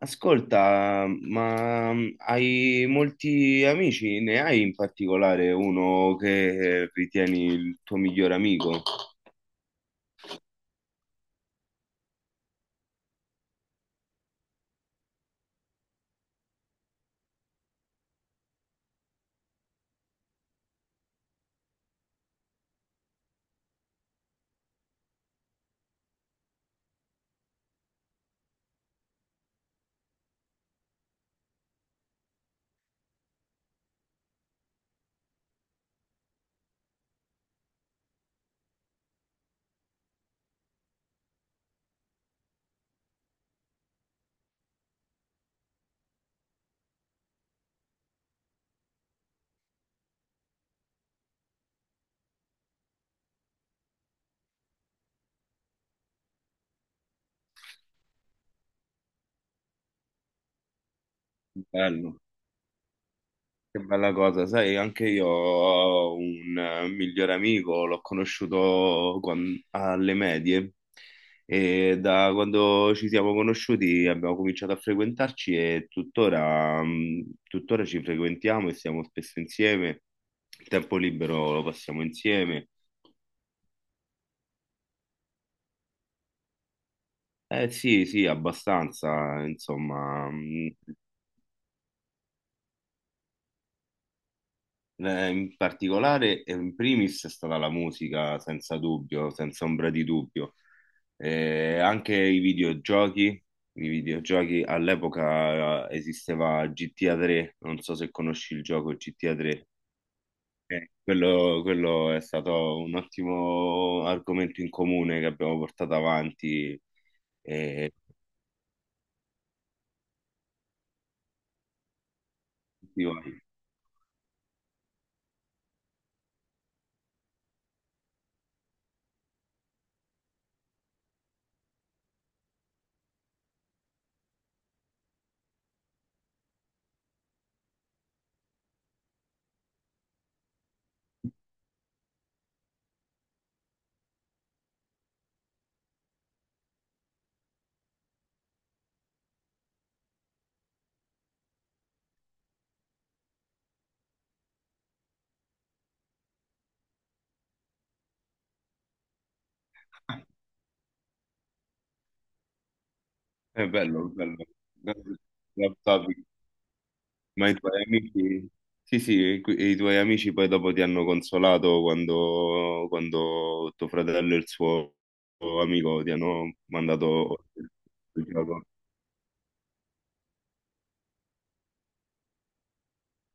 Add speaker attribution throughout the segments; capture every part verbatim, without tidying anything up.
Speaker 1: Ascolta, ma mm, hai molti amici? Ne hai in particolare uno che ritieni il tuo miglior amico? Bello, che bella cosa. Sai, anche io ho un eh, miglior amico, l'ho conosciuto quan- alle medie e da quando ci siamo conosciuti abbiamo cominciato a frequentarci e tuttora, mm, tuttora ci frequentiamo e siamo spesso insieme. Il tempo libero lo passiamo insieme. Eh sì, sì, abbastanza, insomma, mh, eh, in particolare, eh, in primis è stata la musica, senza dubbio, senza ombra di dubbio. Eh, anche i videogiochi, i videogiochi all'epoca eh, esisteva G T A tre, non so se conosci il gioco G T A tre. Eh, quello, quello è stato un ottimo argomento in comune che abbiamo portato avanti. eh, Tutti quanti. È bello, bello. Love topic. Ma i tuoi amici, sì, sì, e qui- e i tuoi amici poi dopo ti hanno consolato quando, quando tuo fratello e il suo amico ti hanno mandato il gioco.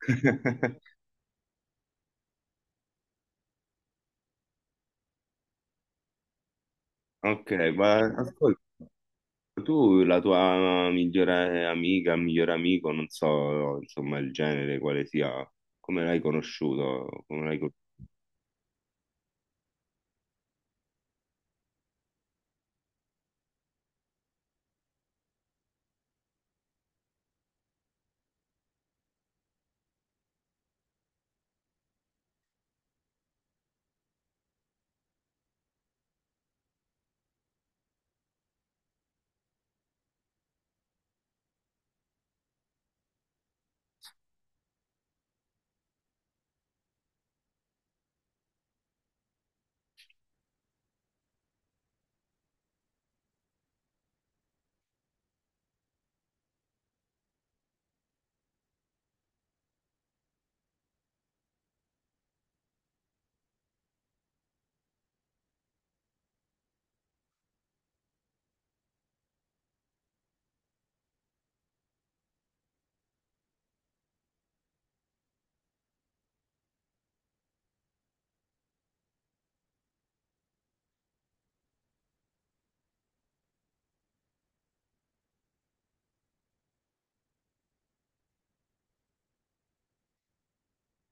Speaker 1: Ok, ma ascolta, tu la tua migliore amica, migliore amico, non so, insomma, il genere, quale sia, come l'hai conosciuto? Come l'hai...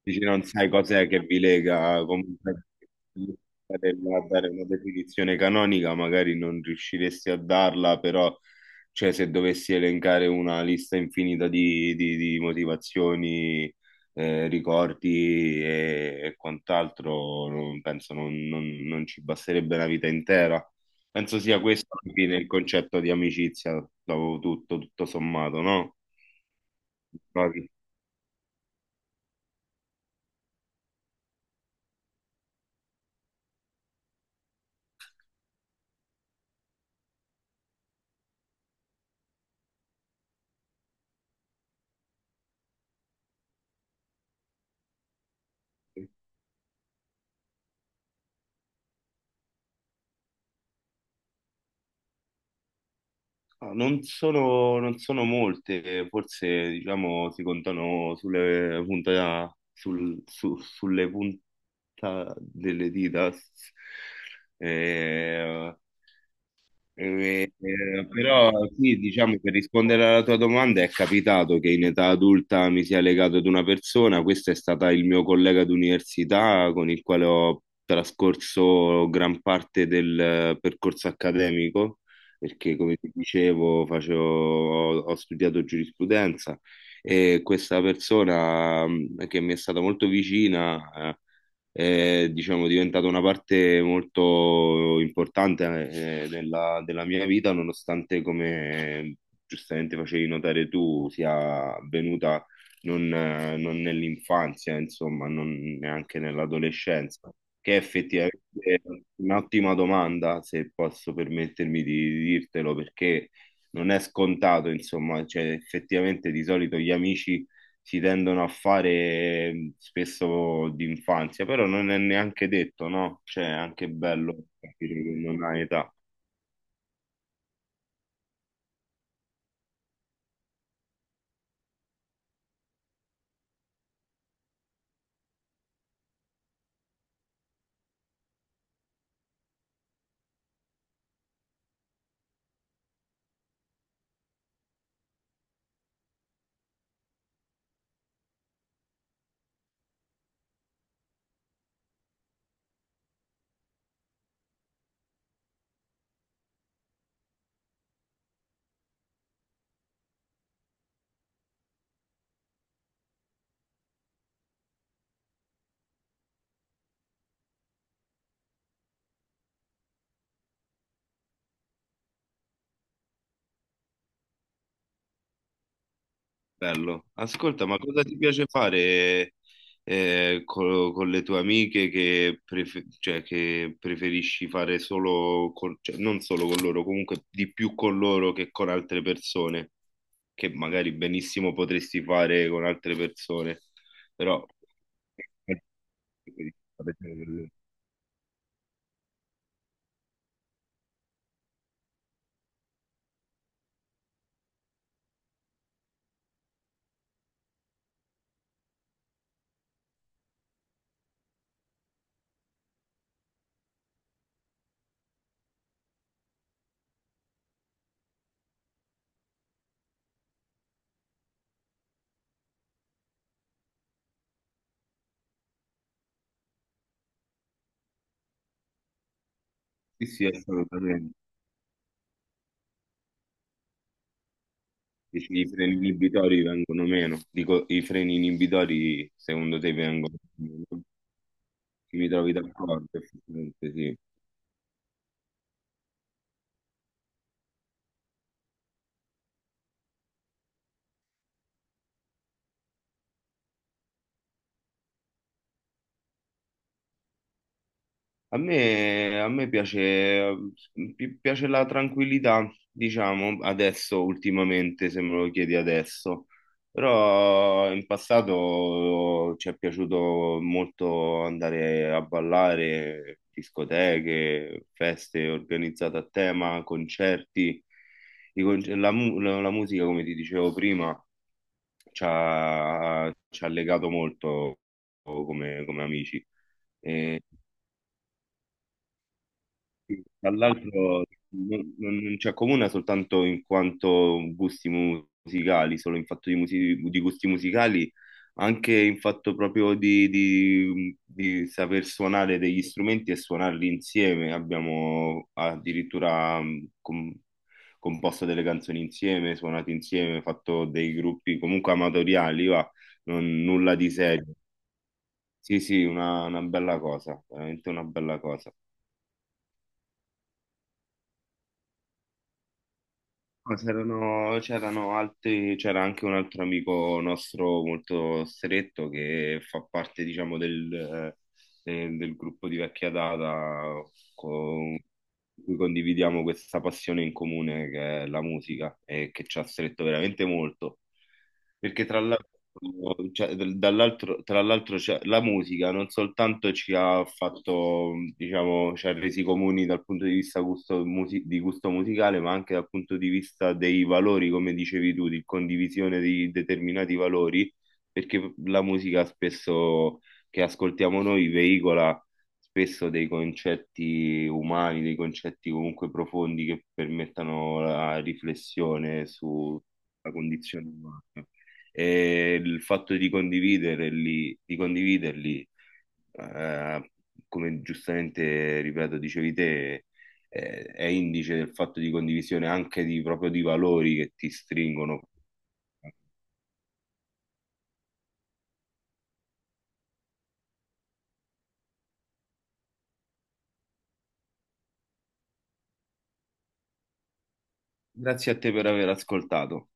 Speaker 1: Dici, non sai cos'è che vi lega, comunque a dare una definizione canonica, magari non riusciresti a darla, però cioè, se dovessi elencare una lista infinita di, di- di motivazioni, eh, ricordi e, e quant'altro, non- penso non, non- non ci basterebbe una vita intera. Penso sia questo alla fine il concetto di amicizia, dopo tutto, tutto sommato, no? Trovi? Ah, non sono, non sono molte, forse diciamo si contano sulle punta, sul- su- sulle punta delle dita. Eh, eh, eh, Però sì, diciamo per rispondere alla tua domanda, è capitato che in età adulta mi sia legato ad una persona. Questo è stata il mio collega d'università con il quale ho trascorso gran parte del eh, percorso accademico, perché come ti dicevo, facevo- ho, ho studiato giurisprudenza e questa persona mh, che mi è stata molto vicina. eh, è diciamo, diventata una parte molto importante eh, della, della mia vita, nonostante, come giustamente facevi notare tu, sia avvenuta non, eh, non nell'infanzia, insomma, non neanche nell'adolescenza, che è effettivamente un'ottima domanda, se posso permettermi di di dirtelo, perché non è scontato, insomma, cioè, effettivamente di solito gli amici si tendono a fare spesso d'infanzia, però non è neanche detto, no? Cioè, è anche bello capire che non hai età. Bello. Ascolta, ma cosa ti piace fare eh, co- con, le tue amiche che, prefe- cioè, che preferisci fare solo con, cioè, non solo con loro, comunque di più con loro che con altre persone, che magari benissimo potresti fare con altre persone, però preferisci fare con loro. Sì, sì, assolutamente. Dici, i freni inibitori vengono meno. Dico, i freni inibitori secondo te vengono meno? Ci mi trovi d'accordo, effettivamente, sì. A me, a me piace, pi- piace la tranquillità, diciamo, adesso, ultimamente, se me lo chiedi adesso. Però in passato ci è piaciuto molto andare a ballare, discoteche, feste organizzate a tema, concerti. I conce- la, mu- la- la musica, come ti dicevo prima, ci ha, ci ha legato molto come, come amici. Sì, tra l'altro non, non- non ci accomuna soltanto in quanto gusti mu- musicali, solo in fatto di, musi- di gusti musicali, anche in fatto proprio di, di- di saper suonare degli strumenti e suonarli insieme. Abbiamo addirittura mh, com- composto delle canzoni insieme, suonato insieme, fatto dei gruppi comunque amatoriali, va, non- nulla di serio. Sì, sì, una una bella cosa, veramente una bella cosa. Ma c'erano c'erano altri, c'era anche un altro amico nostro molto stretto che fa parte, diciamo, del, eh, del gruppo di vecchia data con cui condividiamo questa passione in comune che è la musica e che ci ha stretto veramente molto. Perché tra l'altro, cioè, dal- dall'altro- tra l'altro cioè, la musica non soltanto ci ha fatto, diciamo, ci ha resi comuni dal punto di vista gusto musi- di gusto musicale, ma anche dal punto di vista dei valori, come dicevi tu, di condivisione di determinati valori, perché la musica spesso che ascoltiamo noi veicola spesso dei concetti umani, dei concetti comunque profondi che permettano la riflessione sulla condizione umana. E il fatto di condividerli, di condividerli, eh, come giustamente, ripeto, dicevi te, eh, è indice del fatto di condivisione anche di, proprio di valori che ti stringono. Grazie a te per aver ascoltato.